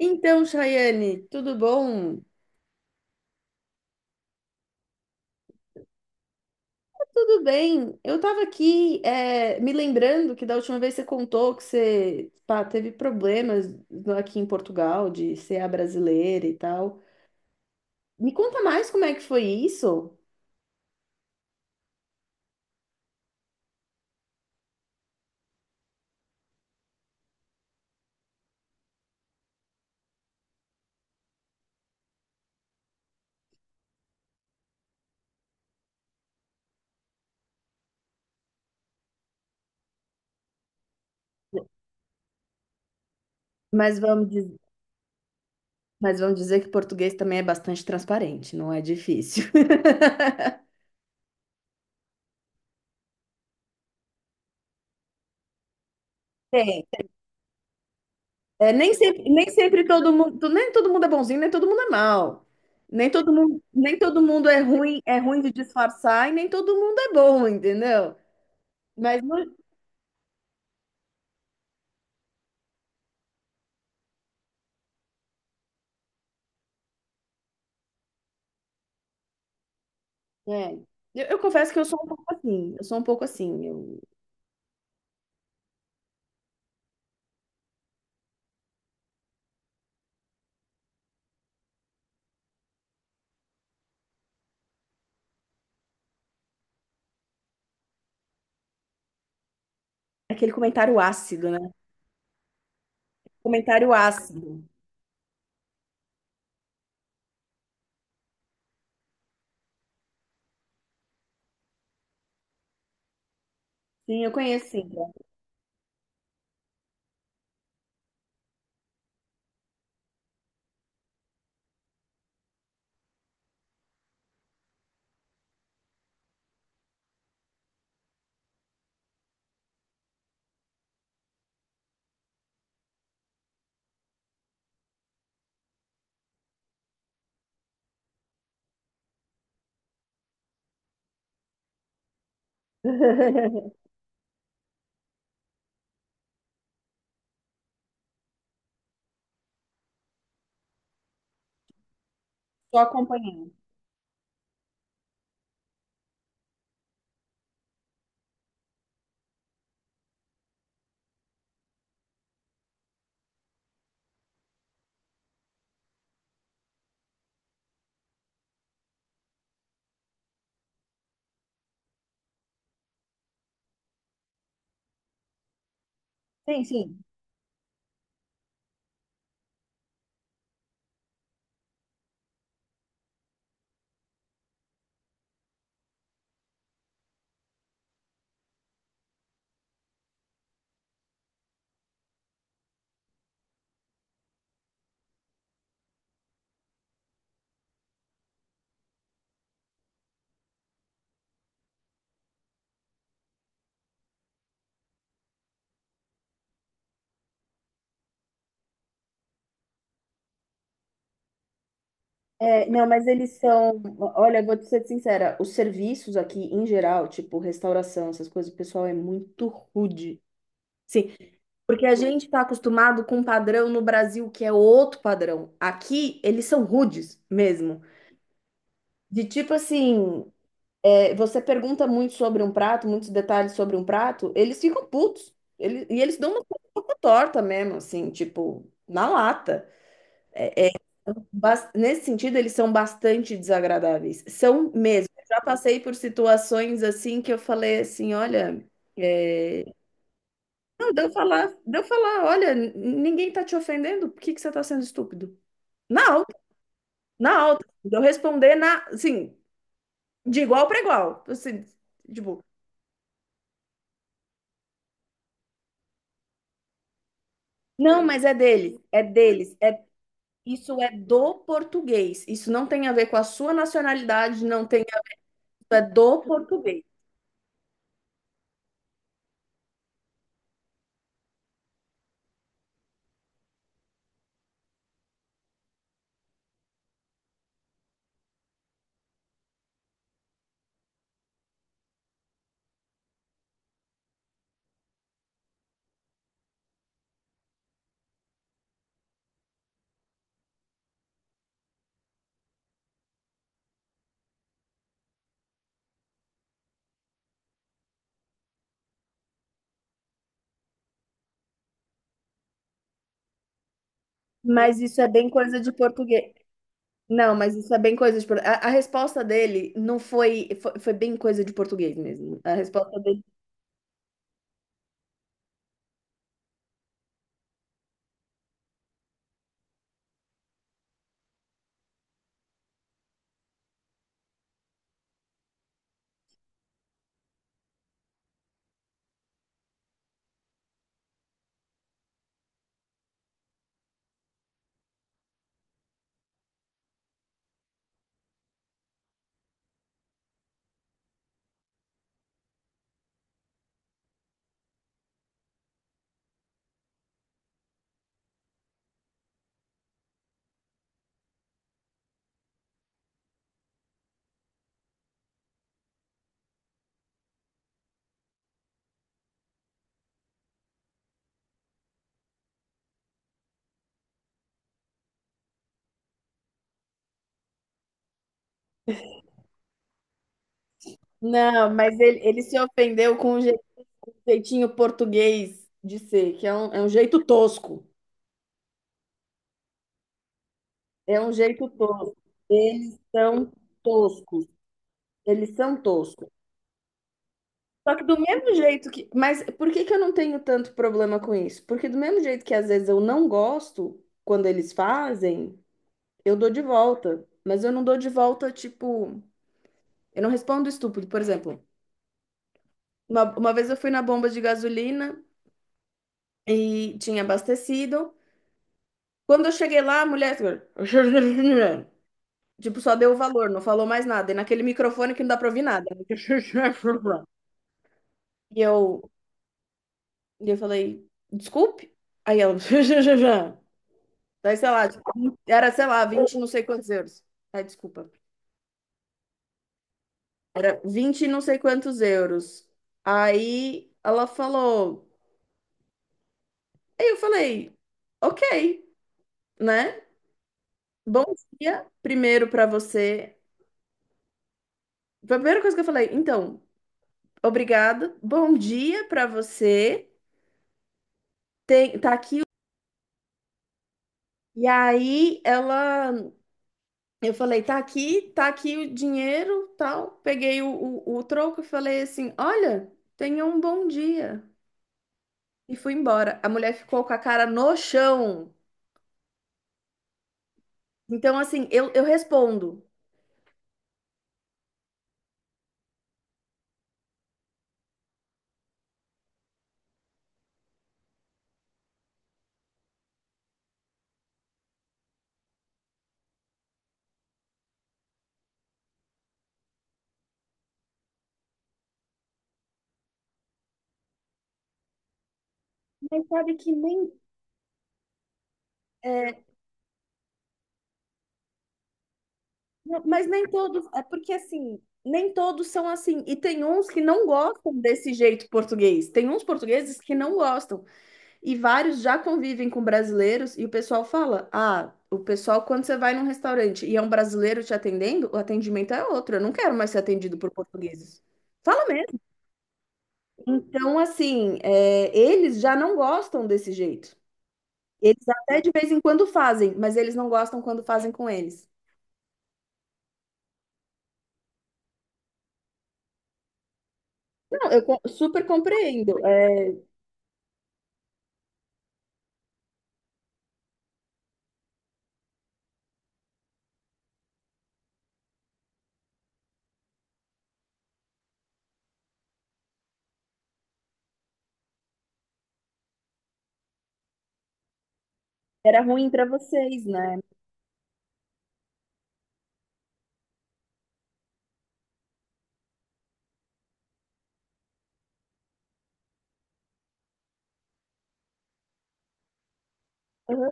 Então, Chayane, tudo bom? Tudo bem. Eu estava aqui me lembrando que da última vez você contou que você pá, teve problemas aqui em Portugal de ser a brasileira e tal. Me conta mais como é que foi isso? Mas vamos, diz- mas vamos dizer que português também é bastante transparente, não é difícil. Tem. É, nem sempre todo mundo, nem todo mundo é bonzinho, nem todo mundo é mal. Nem todo mundo é ruim de disfarçar e nem todo mundo é bom, entendeu? Mas no- é, eu confesso que eu sou um pouco assim, eu sou um pouco assim, eu- aquele comentário ácido, né? Comentário ácido. Sim, eu conheço, sim. Só acompanhando. Sim, sim. É, não, mas eles são. Olha, vou te ser sincera, os serviços aqui, em geral, tipo restauração, essas coisas, o pessoal é muito rude. Sim. Porque a gente está acostumado com um padrão no Brasil que é outro padrão. Aqui, eles são rudes mesmo. De tipo assim, é, você pergunta muito sobre um prato, muitos detalhes sobre um prato, eles ficam putos. E eles dão uma pouco torta mesmo, assim, tipo, na lata. Nesse sentido, eles são bastante desagradáveis. São mesmo. Eu já passei por situações assim que eu falei assim, olha. é, Não, deu falar, olha, ninguém tá te ofendendo, por que que você tá sendo estúpido? Na alta, na alta. Deu responder na, assim, de igual para igual. Assim, tipo, não, mas é dele, isso é do português. Isso não tem a ver com a sua nacionalidade, não tem, isso é do português. Mas isso é bem coisa de português. Não, mas isso é bem coisa de português. A resposta dele não foi, foi bem coisa de português mesmo. A resposta dele não, mas ele se ofendeu com o jeito. Jeitinho português de ser, que é um jeito tosco. É um jeito tosco. Eles são toscos. Eles são toscos. Só que do mesmo jeito que. Mas por que que eu não tenho tanto problema com isso? Porque do mesmo jeito que às vezes eu não gosto quando eles fazem, eu dou de volta. Mas eu não dou de volta, tipo. Eu não respondo estúpido. Por exemplo, uma vez eu fui na bomba de gasolina e tinha abastecido. Quando eu cheguei lá, a mulher. Tipo, só deu o valor, não falou mais nada. E naquele microfone que não dá pra ouvir nada. E eu, e eu falei, desculpe? Aí ela, daí sei lá, tipo, era, sei lá, 20 não sei quantos euros. Ai, desculpa. Era 20 não sei quantos euros. Aí ela falou, aí eu falei, ok, né? Bom dia, primeiro pra você. Foi a primeira coisa que eu falei, então, obrigada, bom dia pra você. Tem, tá aqui E aí ela, eu falei, tá aqui o dinheiro, tal. Peguei o troco e falei assim, olha, tenha um bom dia. E fui embora. A mulher ficou com a cara no chão. Então, assim, eu respondo. Mas sabe que nem. é, não, mas nem todos. É porque, assim, nem todos são assim. E tem uns que não gostam desse jeito português. Tem uns portugueses que não gostam. E vários já convivem com brasileiros e o pessoal fala: ah, o pessoal, quando você vai num restaurante e é um brasileiro te atendendo, o atendimento é outro. Eu não quero mais ser atendido por portugueses. Fala mesmo. Então, assim, é, eles já não gostam desse jeito. Eles até de vez em quando fazem, mas eles não gostam quando fazem com eles. Não, super compreendo. É, era ruim para vocês, né? Uhum.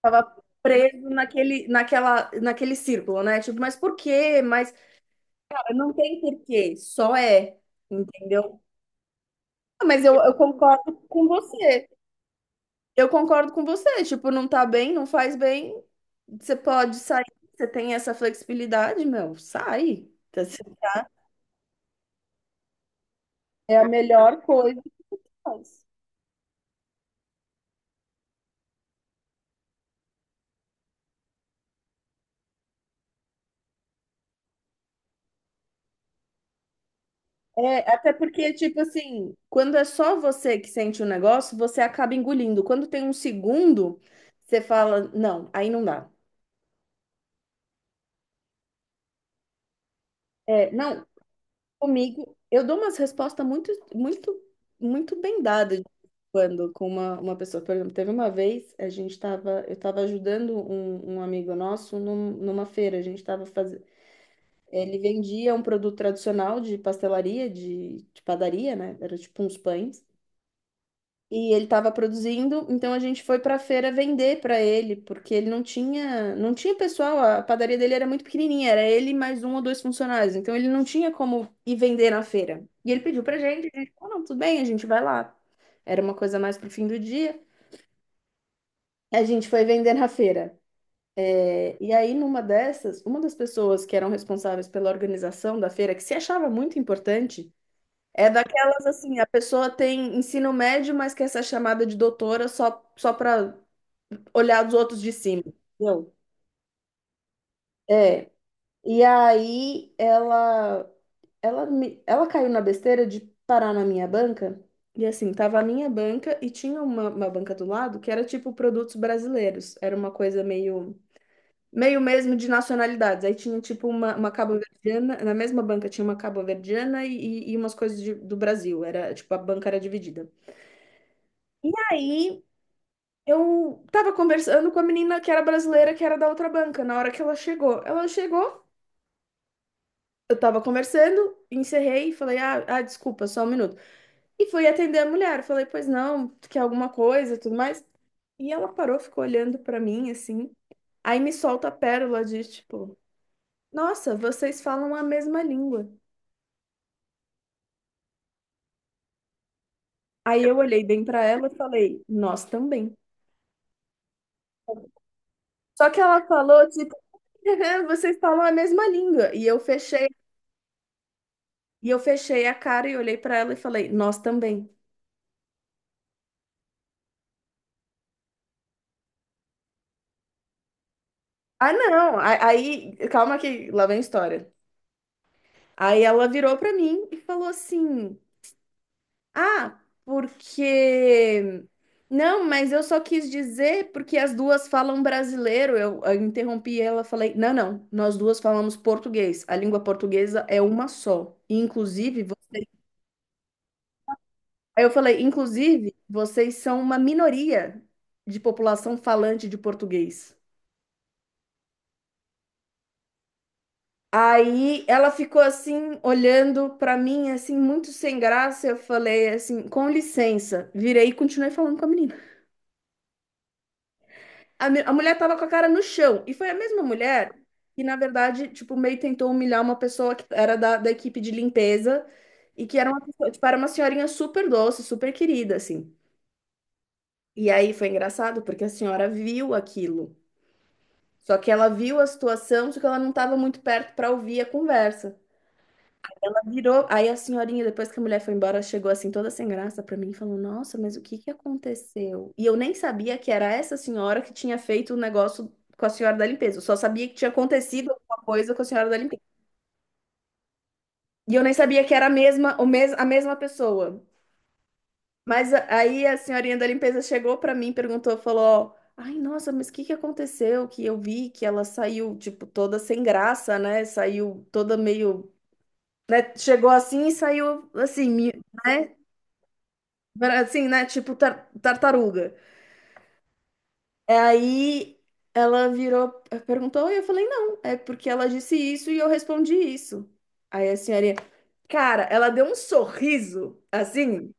Tava preso naquele círculo, né? Tipo, mas por quê? Mas não tem porquê, só é, entendeu? Ah, mas eu concordo com você. Eu concordo com você. Tipo, não tá bem, não faz bem. Você pode sair, você tem essa flexibilidade, meu, sai. É a melhor coisa que faz. É, até porque, tipo assim, quando é só você que sente o negócio, você acaba engolindo. Quando tem um segundo, você fala, não, aí não dá. É, não, comigo, eu dou umas respostas muito bem dadas de vez em quando com uma pessoa. Por exemplo, teve uma vez, eu estava ajudando um amigo nosso numa feira. A gente estava fazendo. Ele vendia um produto tradicional de pastelaria, de padaria, né? Era tipo uns pães e ele estava produzindo, então a gente foi para a feira vender para ele, porque ele não tinha, não tinha pessoal, a padaria dele era muito pequenininha, era ele mais um ou dois funcionários, então ele não tinha como ir vender na feira. E ele pediu pra gente, a gente falou, não, tudo bem, a gente vai lá. Era uma coisa mais pro fim do dia. A gente foi vender na feira. É, e aí, numa dessas, uma das pessoas que eram responsáveis pela organização da feira, que se achava muito importante, é daquelas assim, a pessoa tem ensino médio, mas quer ser chamada de doutora só, só para olhar os outros de cima, entendeu? É. E aí ela caiu na besteira de parar na minha banca. E assim, tava a minha banca e tinha uma banca do lado que era tipo produtos brasileiros. Era uma coisa meio meio mesmo de nacionalidades. Aí tinha tipo uma cabo-verdiana, na mesma banca tinha uma cabo-verdiana e umas coisas do Brasil. Era tipo a banca era dividida. E aí eu tava conversando com a menina que era brasileira, que era da outra banca, na hora que ela chegou. Ela chegou, eu tava conversando, encerrei e falei: ah, desculpa, só um minuto. E fui atender a mulher. Falei: Pois não, tu quer alguma coisa, tudo mais. E ela parou, ficou olhando pra mim assim. Aí me solta a pérola de tipo: Nossa, vocês falam a mesma língua. Aí eu olhei bem pra ela e falei: Nós também. Só que ela falou tipo: Vocês falam a mesma língua. E eu fechei a cara e olhei pra ela e falei, nós também. Ah, não. Aí, calma que lá vem a história. Aí ela virou pra mim e falou assim: Ah, porque. Não, mas eu só quis dizer porque as duas falam brasileiro. Eu interrompi ela, falei: Não, não, nós duas falamos português. A língua portuguesa é uma só. E, inclusive, aí eu falei: Inclusive, vocês são uma minoria de população falante de português. Aí ela ficou assim, olhando pra mim, assim, muito sem graça. Eu falei assim, com licença. Virei e continuei falando com a menina. A mulher tava com a cara no chão. E foi a mesma mulher que, na verdade, tipo, meio tentou humilhar uma pessoa que era da equipe de limpeza e que era uma, tipo, era uma senhorinha super doce, super querida, assim. E aí foi engraçado, porque a senhora viu aquilo. Só que ela viu a situação, só que ela não estava muito perto para ouvir a conversa. Virou. Aí a senhorinha, depois que a mulher foi embora, chegou assim toda sem graça pra mim e falou: Nossa, mas o que que aconteceu? E eu nem sabia que era essa senhora que tinha feito o negócio com a senhora da limpeza. Eu só sabia que tinha acontecido alguma coisa com a senhora da limpeza. E eu nem sabia que era a mesma pessoa. Mas aí a senhorinha da limpeza chegou pra mim, perguntou, falou: Ai, nossa, mas o que que aconteceu? Que eu vi que ela saiu, tipo, toda sem graça, né? Saiu toda meio. Né? Chegou assim e saiu assim, né? Assim, né? Tipo tartaruga. É, aí ela virou, perguntou, e eu falei, não, é porque ela disse isso e eu respondi isso. Aí a senhorinha, cara, ela deu um sorriso, assim,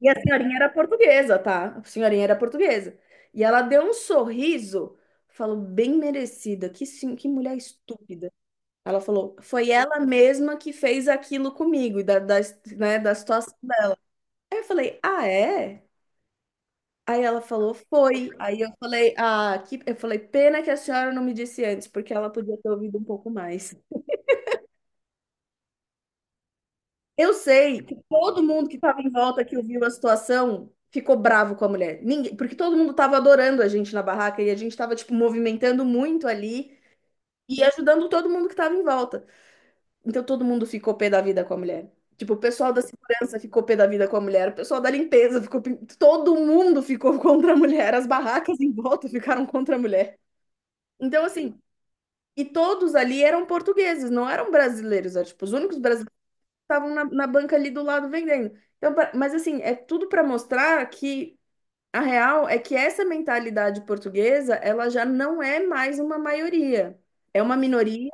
e a senhorinha era portuguesa, tá? A senhorinha era portuguesa. E ela deu um sorriso, falou, bem merecida, que sim, que mulher estúpida. Ela falou, foi ela mesma que fez aquilo comigo, e né, da situação. Aí eu falei, ah, é? Aí ela falou, foi. Aí eu falei, ah, que... eu falei, pena que a senhora não me disse antes, porque ela podia ter ouvido um pouco mais. Eu sei que todo mundo que estava em volta, que ouviu a situação, ficou bravo com a mulher. Ninguém... Porque todo mundo estava adorando a gente na barraca e a gente estava, tipo, movimentando muito ali e ajudando todo mundo que estava em volta. Então todo mundo ficou pé da vida com a mulher. Tipo, o pessoal da segurança ficou pé da vida com a mulher, o pessoal da limpeza ficou. Todo mundo ficou contra a mulher, as barracas em volta ficaram contra a mulher. Então, assim, e todos ali eram portugueses, não eram brasileiros. Era, tipo, os únicos brasileiros que estavam na banca ali do lado vendendo. Então, mas assim, é tudo para mostrar que a real é que essa mentalidade portuguesa, ela já não é mais uma maioria. É uma minoria,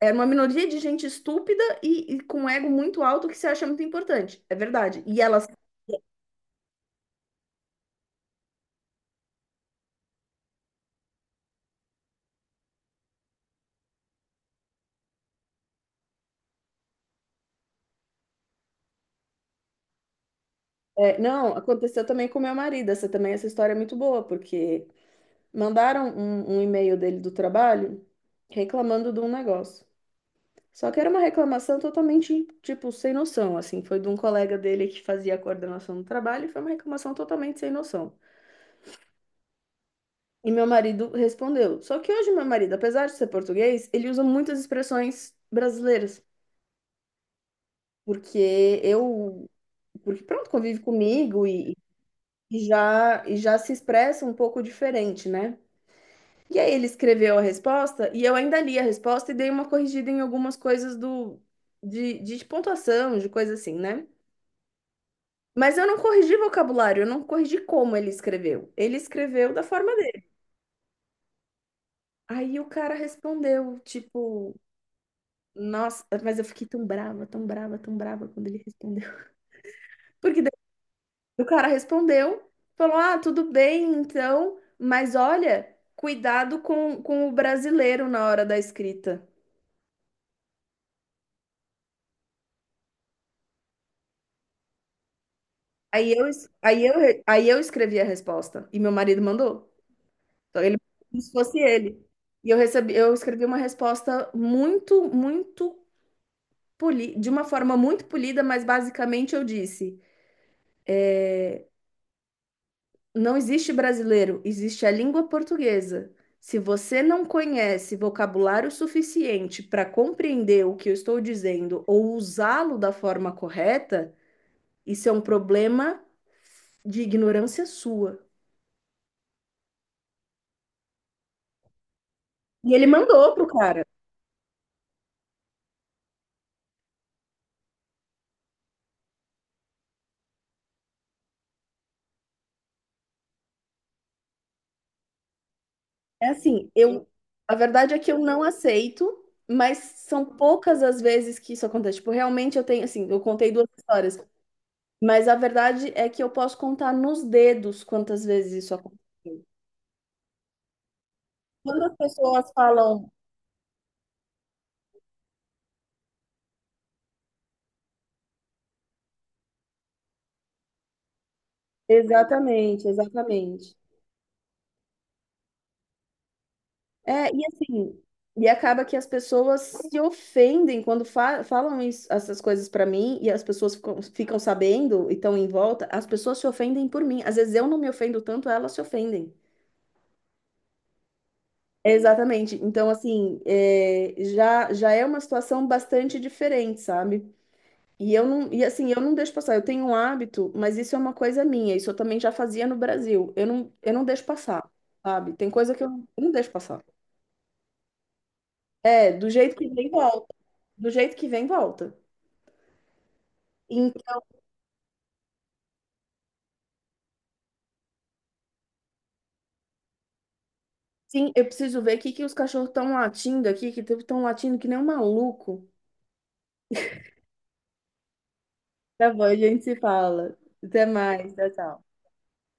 é uma minoria de gente estúpida e com ego muito alto que se acha muito importante. É verdade. E elas, é, não, aconteceu também com meu marido. Essa também, essa história é muito boa, porque mandaram um e-mail dele do trabalho reclamando de um negócio. Só que era uma reclamação totalmente, tipo, sem noção, assim. Foi de um colega dele que fazia a coordenação do trabalho e foi uma reclamação totalmente sem noção. E meu marido respondeu. Só que hoje meu marido, apesar de ser português, ele usa muitas expressões brasileiras. Porque eu... Porque, pronto, convive comigo e, e já se expressa um pouco diferente, né? E aí ele escreveu a resposta e eu ainda li a resposta e dei uma corrigida em algumas coisas do... De pontuação, de coisa assim, né? Mas eu não corrigi vocabulário, eu não corrigi como ele escreveu. Ele escreveu da forma dele. Aí o cara respondeu, tipo, nossa, mas eu fiquei tão brava, tão brava, tão brava quando ele respondeu. Porque daí o cara respondeu, falou: ah, tudo bem, então, mas olha, cuidado com o brasileiro na hora da escrita. Aí eu, es- aí eu, re- aí eu escrevi a resposta e meu marido mandou. Então, ele, como se fosse ele. E eu recebi, eu escrevi uma resposta muito, muito de uma forma muito polida, mas basicamente eu disse: não existe brasileiro, existe a língua portuguesa. Se você não conhece vocabulário suficiente para compreender o que eu estou dizendo ou usá-lo da forma correta, isso é um problema de ignorância sua. E ele mandou pro cara. É assim, eu, a verdade é que eu não aceito, mas são poucas as vezes que isso acontece. Tipo, realmente eu tenho, assim, eu contei duas histórias. Mas a verdade é que eu posso contar nos dedos quantas vezes isso aconteceu. Quando as pessoas falam. Exatamente, exatamente. É, e assim, e acaba que as pessoas se ofendem quando falam essas coisas pra mim e as pessoas ficam, ficam sabendo e estão em volta, as pessoas se ofendem por mim. Às vezes eu não me ofendo tanto, elas se ofendem. Exatamente. Então, assim, é, já, já é uma situação bastante diferente, sabe? Eu não deixo passar. Eu tenho um hábito, mas isso é uma coisa minha. Isso eu também já fazia no Brasil. Eu não deixo passar, sabe? Tem coisa que eu não deixo passar. É, do jeito que vem, volta. Do jeito que vem, volta. Então, assim, eu preciso ver o que que os cachorros estão latindo aqui, que estão latindo que nem um maluco. Tá bom, a gente se fala. Até mais, tchau, tchau.